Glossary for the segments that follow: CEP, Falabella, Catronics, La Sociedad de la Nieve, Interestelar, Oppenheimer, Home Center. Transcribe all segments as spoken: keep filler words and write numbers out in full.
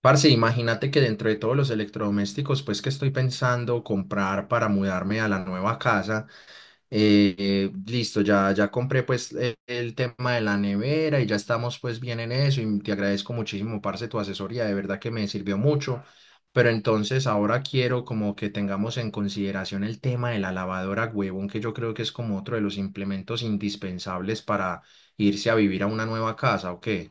Parce, imagínate que dentro de todos los electrodomésticos, pues que estoy pensando comprar para mudarme a la nueva casa, eh, eh, listo, ya, ya compré pues el, el tema de la nevera y ya estamos pues bien en eso y te agradezco muchísimo, parce, tu asesoría, de verdad que me sirvió mucho, pero entonces ahora quiero como que tengamos en consideración el tema de la lavadora, huevón, que yo creo que es como otro de los implementos indispensables para irse a vivir a una nueva casa, ¿o qué?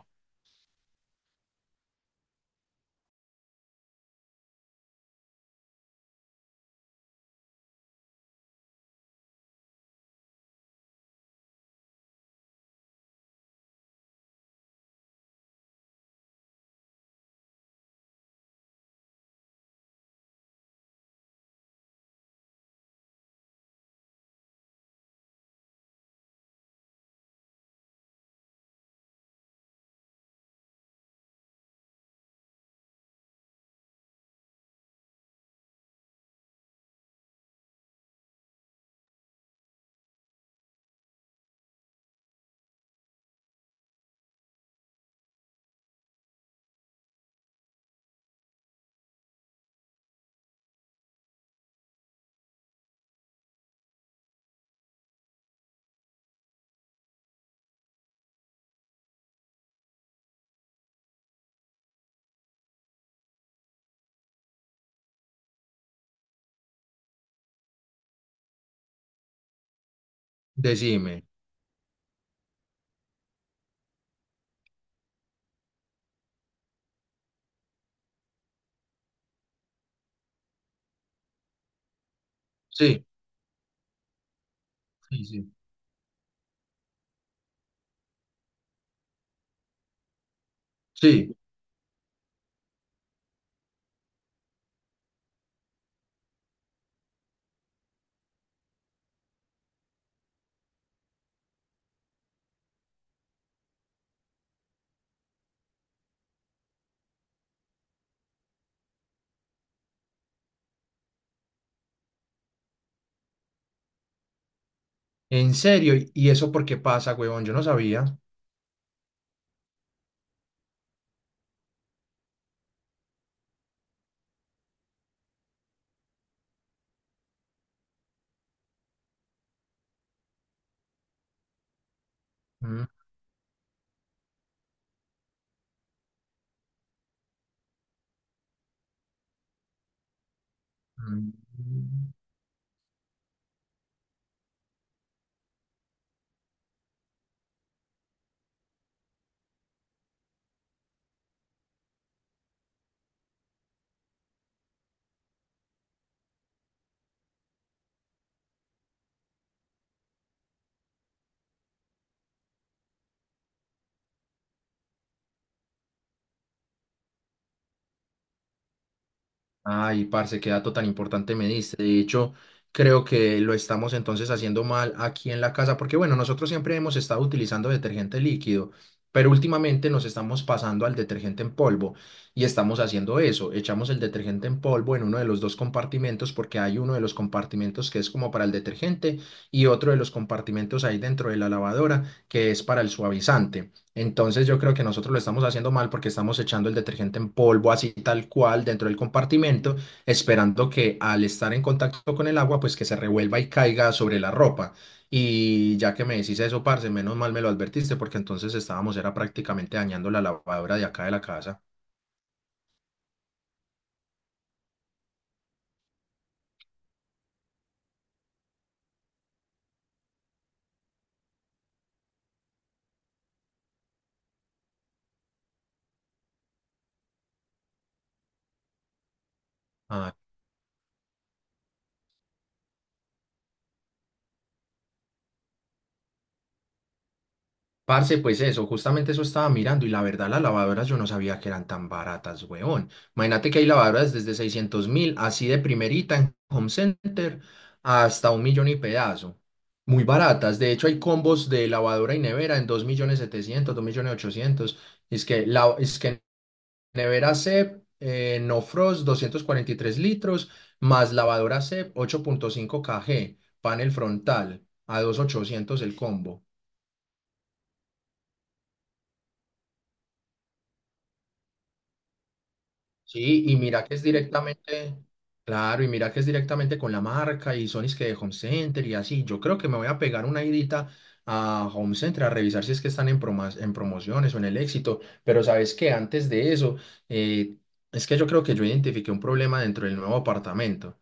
Decime. Sí, sí, sí. Sí. En serio, ¿y y eso por qué pasa, huevón? Yo no sabía. Mm, mm. Ay, parce, qué dato tan importante me diste. De hecho, creo que lo estamos entonces haciendo mal aquí en la casa, porque bueno, nosotros siempre hemos estado utilizando detergente líquido, pero últimamente nos estamos pasando al detergente en polvo y estamos haciendo eso. Echamos el detergente en polvo en uno de los dos compartimentos, porque hay uno de los compartimentos que es como para el detergente y otro de los compartimentos ahí dentro de la lavadora que es para el suavizante. Entonces yo creo que nosotros lo estamos haciendo mal porque estamos echando el detergente en polvo así tal cual dentro del compartimento, esperando que al estar en contacto con el agua, pues que se revuelva y caiga sobre la ropa. Y ya que me decís eso, parce, menos mal me lo advertiste porque entonces estábamos, era prácticamente dañando la lavadora de acá de la casa. Parce, pues eso, justamente eso estaba mirando y la verdad las lavadoras yo no sabía que eran tan baratas, weón. Imagínate que hay lavadoras desde seiscientos mil, así de primerita en Home Center, hasta un millón y pedazo. Muy baratas, de hecho hay combos de lavadora y nevera en dos millones setecientos, dos millones ochocientos. Es que, la, es que nevera C E P, eh, no frost, doscientos cuarenta y tres litros, más lavadora C E P, ocho punto cinco kg, panel frontal, a dos mil ochocientos el combo. Sí, y mira que es directamente, claro, y mira que es directamente con la marca y Sony's que de Home Center y así. Yo creo que me voy a pegar una idita a Home Center a revisar si es que están en, promas- en promociones o en el éxito. Pero sabes que antes de eso, eh, es que yo creo que yo identifiqué un problema dentro del nuevo apartamento.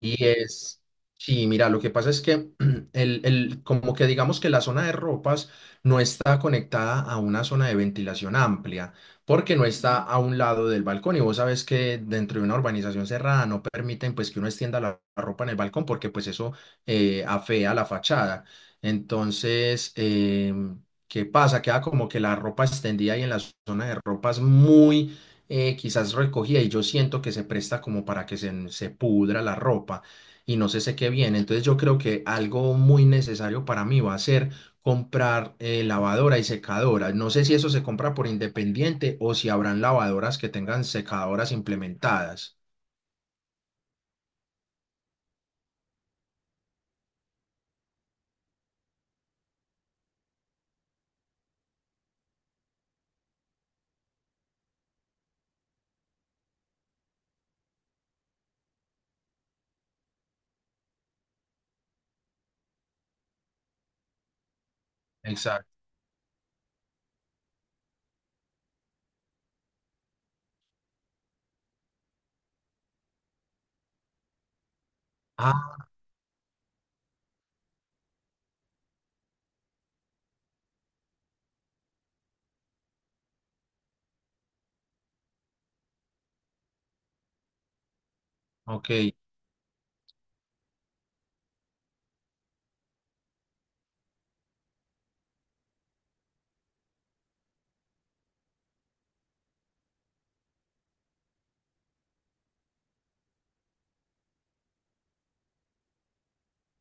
Y es, sí, mira, lo que pasa es que el, el- como que digamos que la zona de ropas no está conectada a una zona de ventilación amplia, porque no está a un lado del balcón. Y vos sabes que dentro de una urbanización cerrada no permiten pues que uno extienda la, la ropa en el balcón, porque pues eso eh, afea la fachada. Entonces, em, ¿qué pasa? Queda como que la ropa extendida y en la zona de ropas muy eh, quizás recogida y yo siento que se presta como para que se, se pudra la ropa y no se seque bien. Entonces yo creo que algo muy necesario para mí va a ser comprar eh, lavadora y secadora. No sé si eso se compra por independiente o si habrán lavadoras que tengan secadoras implementadas. Exacto. Ah, ok.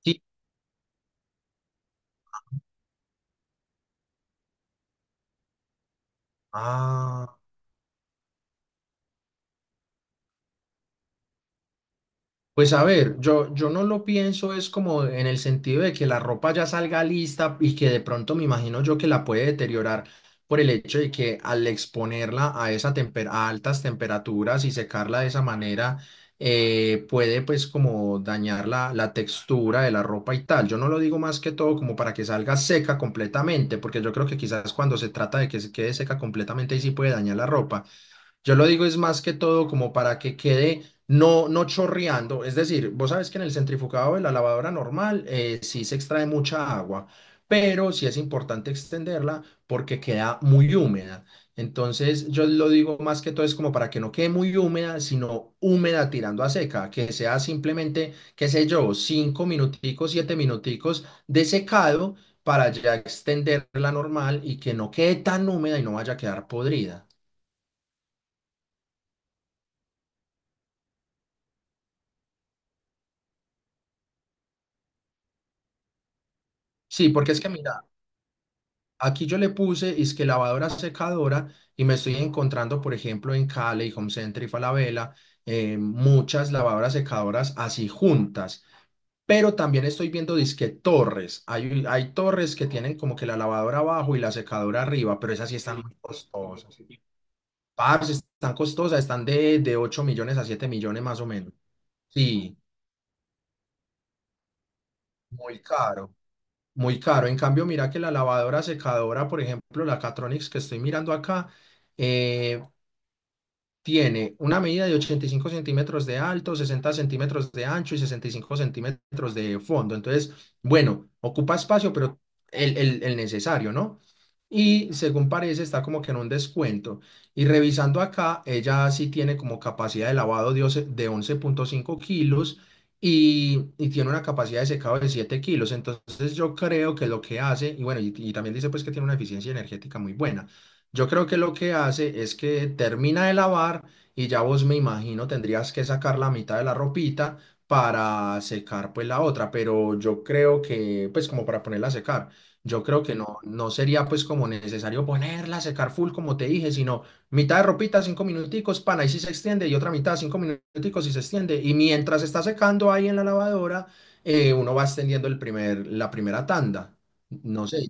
Sí. Ah. Pues a ver, yo, yo no lo pienso, es como en el sentido de que la ropa ya salga lista y que de pronto me imagino yo que la puede deteriorar por el hecho de que al exponerla a, esa temper- a altas temperaturas y secarla de esa manera, eh, puede pues como dañar la, la textura de la ropa y tal. Yo no lo digo más que todo como para que salga seca completamente, porque yo creo que quizás cuando se trata de que se quede seca completamente, ahí sí puede dañar la ropa. Yo lo digo es más que todo como para que quede no, no chorreando. Es decir, vos sabes que en el centrifugado de la lavadora normal eh, sí se extrae mucha agua, pero sí es importante extenderla porque queda muy húmeda. Entonces yo lo digo más que todo es como para que no quede muy húmeda, sino húmeda tirando a seca, que sea simplemente, qué sé yo, cinco minuticos, siete minuticos de secado para ya extenderla normal y que no quede tan húmeda y no vaya a quedar podrida. Sí, porque es que mira, aquí yo le puse es que lavadora secadora y me estoy encontrando, por ejemplo, en Cali, Home Center y Falabella, eh, muchas lavadoras secadoras así juntas. Pero también estoy viendo disque torres. Hay, hay torres que tienen como que la lavadora abajo y la secadora arriba, pero esas sí están muy costosas. Parce, están costosas, están de, de ocho millones a siete millones más o menos. Sí, muy caro, muy caro. En cambio, mira que la lavadora secadora, por ejemplo, la Catronics que estoy mirando acá, eh, tiene una medida de ochenta y cinco centímetros de alto, sesenta centímetros de ancho y sesenta y cinco centímetros de fondo. Entonces, bueno, ocupa espacio, pero el, el- el necesario, ¿no? Y según parece, está como que en un descuento. Y revisando acá, ella sí tiene como capacidad de lavado de once de once punto cinco kilos y, y tiene una capacidad de secado de siete kilos. Entonces, yo creo que lo que hace, y bueno, y y también dice pues que tiene una eficiencia energética muy buena. Yo creo que lo que hace es que termina de lavar y ya vos me imagino tendrías que sacar la mitad de la ropita para secar pues la otra, pero yo creo que pues como para ponerla a secar, yo creo que no, no sería pues como necesario ponerla a secar full como te dije, sino mitad de ropita, cinco minuticos, pan, ahí sí se extiende y otra mitad, cinco minuticos y se extiende y mientras está secando ahí en la lavadora, eh, uno va extendiendo el primer, la primera tanda, no sé.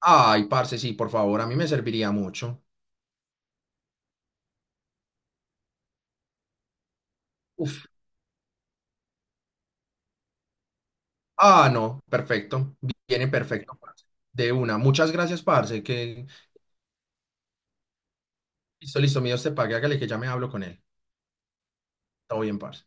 Ay, parce, sí, por favor, a mí me serviría mucho. Uf. Ah, no, perfecto. Viene perfecto, parce. De una. Muchas gracias, parce. Que listo, listo, mío, te pague. Hágale que ya me hablo con él. Todo bien, parce.